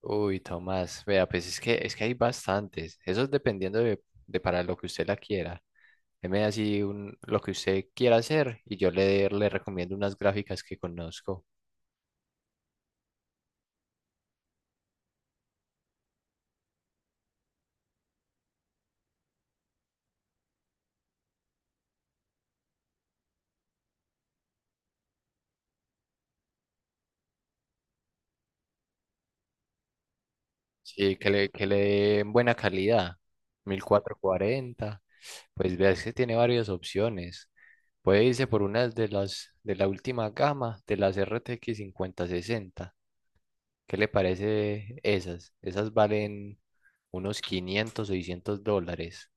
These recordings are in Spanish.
Uy, Tomás, vea, pues es que hay bastantes. Eso es dependiendo de para lo que usted la quiera. Deme así lo que usted quiera hacer y yo le recomiendo unas gráficas que conozco. Sí, que le den buena calidad. 1440. Pues vea, es que tiene varias opciones. Puede irse por unas de las de la última gama, de las RTX 60. ¿Qué le parece esas? Esas valen unos 500 600 dólares.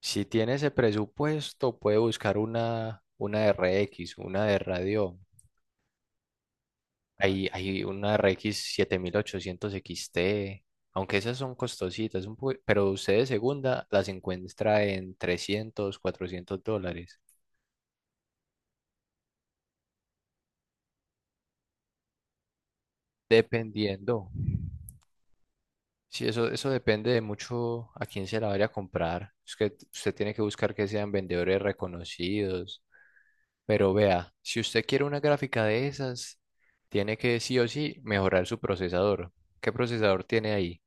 Si tiene ese presupuesto, puede buscar una RX, una de radio. Hay una RX 7800 XT, aunque esas son costositas, pero usted de segunda las encuentra en 300 400 dólares, dependiendo. Sí, eso depende de mucho a quién se la vaya a comprar. Es que usted tiene que buscar que sean vendedores reconocidos. Pero vea, si usted quiere una gráfica de esas, tiene que sí o sí mejorar su procesador. ¿Qué procesador tiene ahí?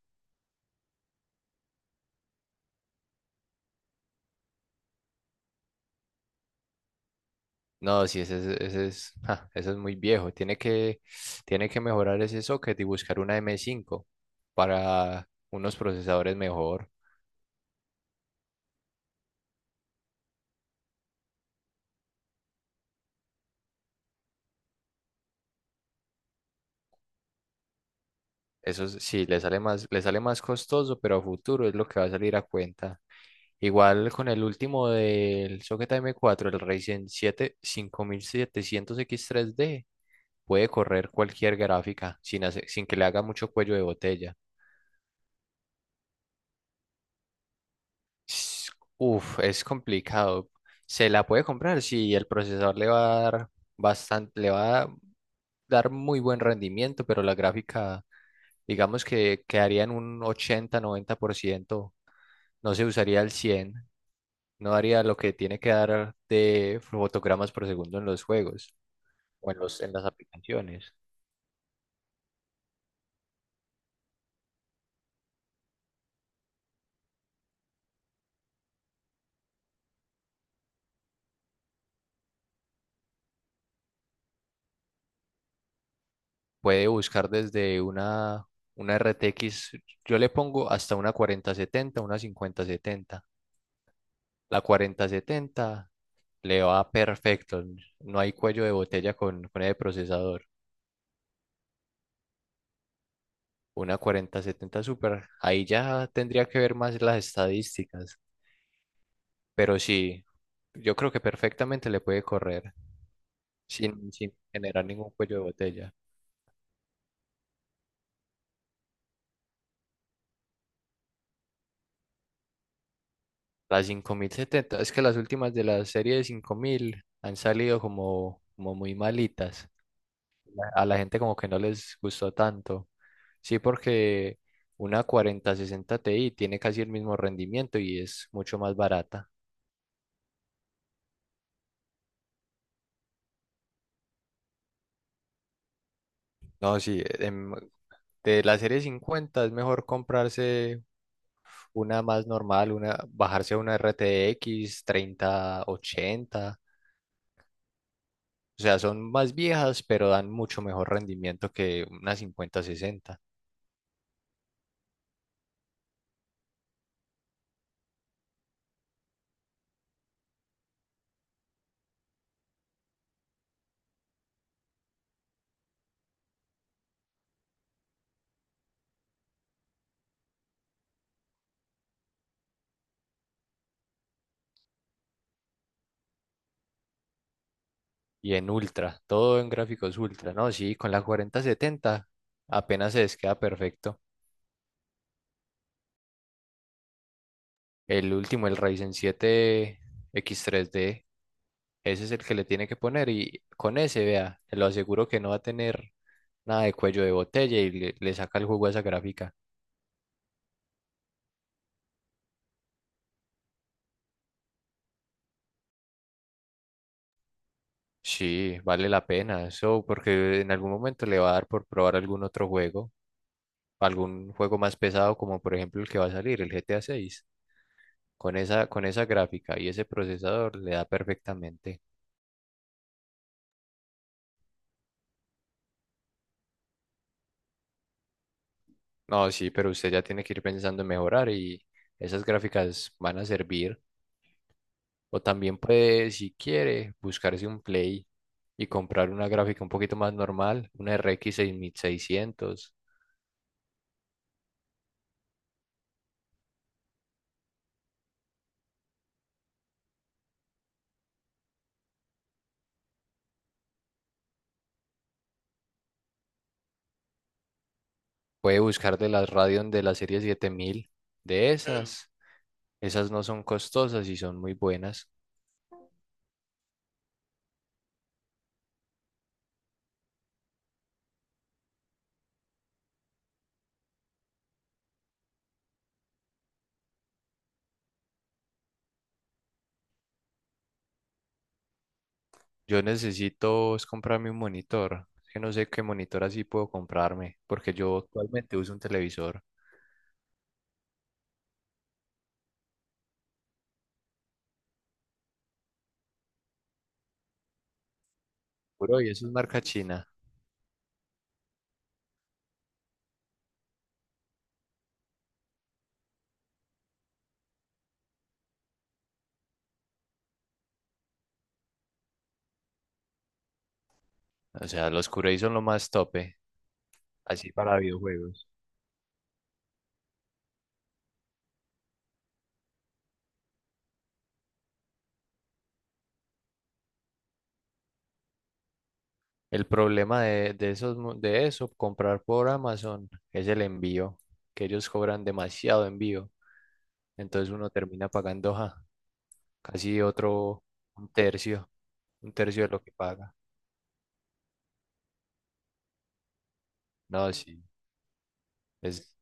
No, si ese, es- ese es, ja, ese es muy viejo. Tiene que mejorar ese socket y buscar una M5 para unos procesadores mejor. Sí, le sale más costoso, pero a futuro es lo que va a salir a cuenta. Igual con el último del socket M4, el Ryzen 7 5700X3D. Puede correr cualquier gráfica sin que le haga mucho cuello de botella. S- Uf, es complicado. Se la puede comprar si el procesador le va a dar bastante, le va a dar muy buen rendimiento, pero la gráfica, digamos que quedaría en un 80 90%. No se usaría el 100. No daría lo que tiene que dar de fotogramas por segundo en los juegos o en los, en las aplicaciones. Puede buscar desde una RTX, yo le pongo hasta una 4070, una 5070. La 4070 le va perfecto, no hay cuello de botella con el procesador. Una 4070 Super, ahí ya tendría que ver más las estadísticas, pero sí, yo creo que perfectamente le puede correr sin generar ningún cuello de botella. La 5070, es que las últimas de la serie de 5000 han salido como muy malitas. A la gente como que no les gustó tanto. Sí, porque una 4060 Ti tiene casi el mismo rendimiento y es mucho más barata. No, sí, em, de la serie 50 es mejor comprarse una más normal, bajarse a una RTX 3080. O sea, son más viejas, pero dan mucho mejor rendimiento que una 5060. Y en ultra, todo en gráficos ultra, ¿no? Sí, con la 4070 apenas se les queda perfecto. El último, el Ryzen 7 X3D. Ese es el que le tiene que poner y con ese, vea, lo aseguro que no va a tener nada de cuello de botella y le saca el jugo a esa gráfica. Sí, vale la pena eso porque en algún momento le va a dar por probar algún otro juego, algún juego más pesado como por ejemplo el que va a salir, el GTA 6. Con esa, gráfica y ese procesador le da perfectamente. No, sí, pero usted ya tiene que ir pensando en mejorar y esas gráficas van a servir. O también puede, si quiere, buscarse un Play y comprar una gráfica un poquito más normal, una RX 600. Puede buscar de las Radeon de la serie 7000. De Claro. Esas. Esas no son costosas y son muy buenas. Yo necesito es comprarme un monitor. Es que no sé qué monitor así puedo comprarme, porque yo actualmente uso un televisor. Puro y eso es marca china. O sea, los Kurei son lo más tope, así para videojuegos. El problema de esos, de eso, comprar por Amazon, es el envío, que ellos cobran demasiado envío. Entonces uno termina pagando, ja, casi otro, un tercio, un tercio de lo que paga. No, sí. Es,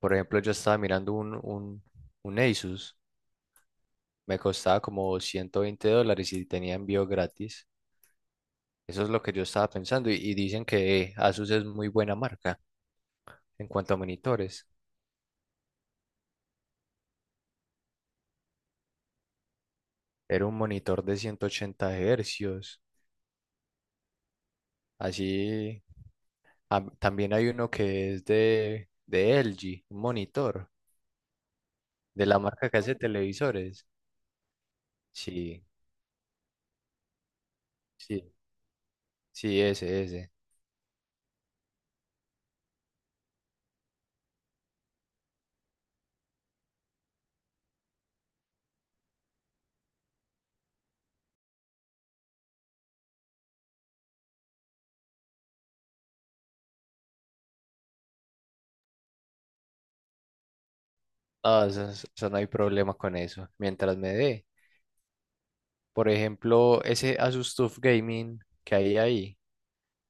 por ejemplo, yo estaba mirando un, un Asus, me costaba como 120 dólares y tenía envío gratis. Eso es lo que yo estaba pensando. Y dicen que Asus es muy buena marca en cuanto a monitores. Era un monitor de 180 Hz. Así. Ah, también hay uno que es de LG, un monitor, de la marca que hace televisores. Sí, sí, sí, ese, ese. Ah, eso no hay problema con eso. Mientras me dé, por ejemplo, ese Asus TUF Gaming que hay ahí,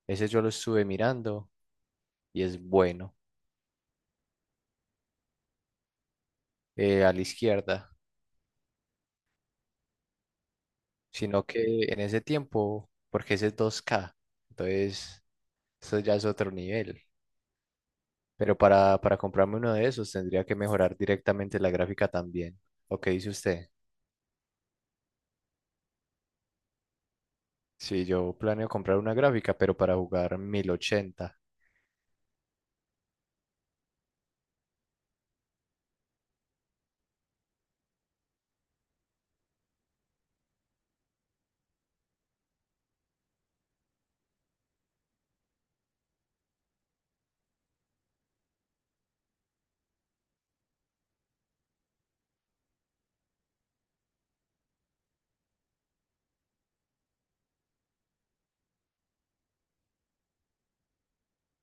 ese yo lo estuve mirando y es bueno, a la izquierda. Sino que en ese tiempo, porque ese es 2K, entonces eso ya es otro nivel. Pero para comprarme uno de esos tendría que mejorar directamente la gráfica también. ¿O qué dice usted? Sí, yo planeo comprar una gráfica, pero para jugar 1080.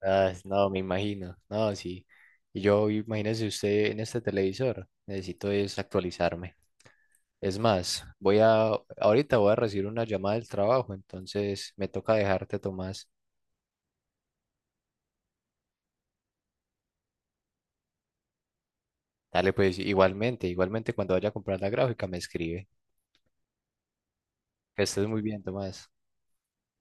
Ah, no, me imagino. No, sí. Y yo, imagínese usted en este televisor. Necesito es actualizarme. Es más, ahorita voy a recibir una llamada del trabajo, entonces me toca dejarte, Tomás. Dale, pues igualmente, igualmente cuando vaya a comprar la gráfica me escribe. Que estés muy bien, Tomás.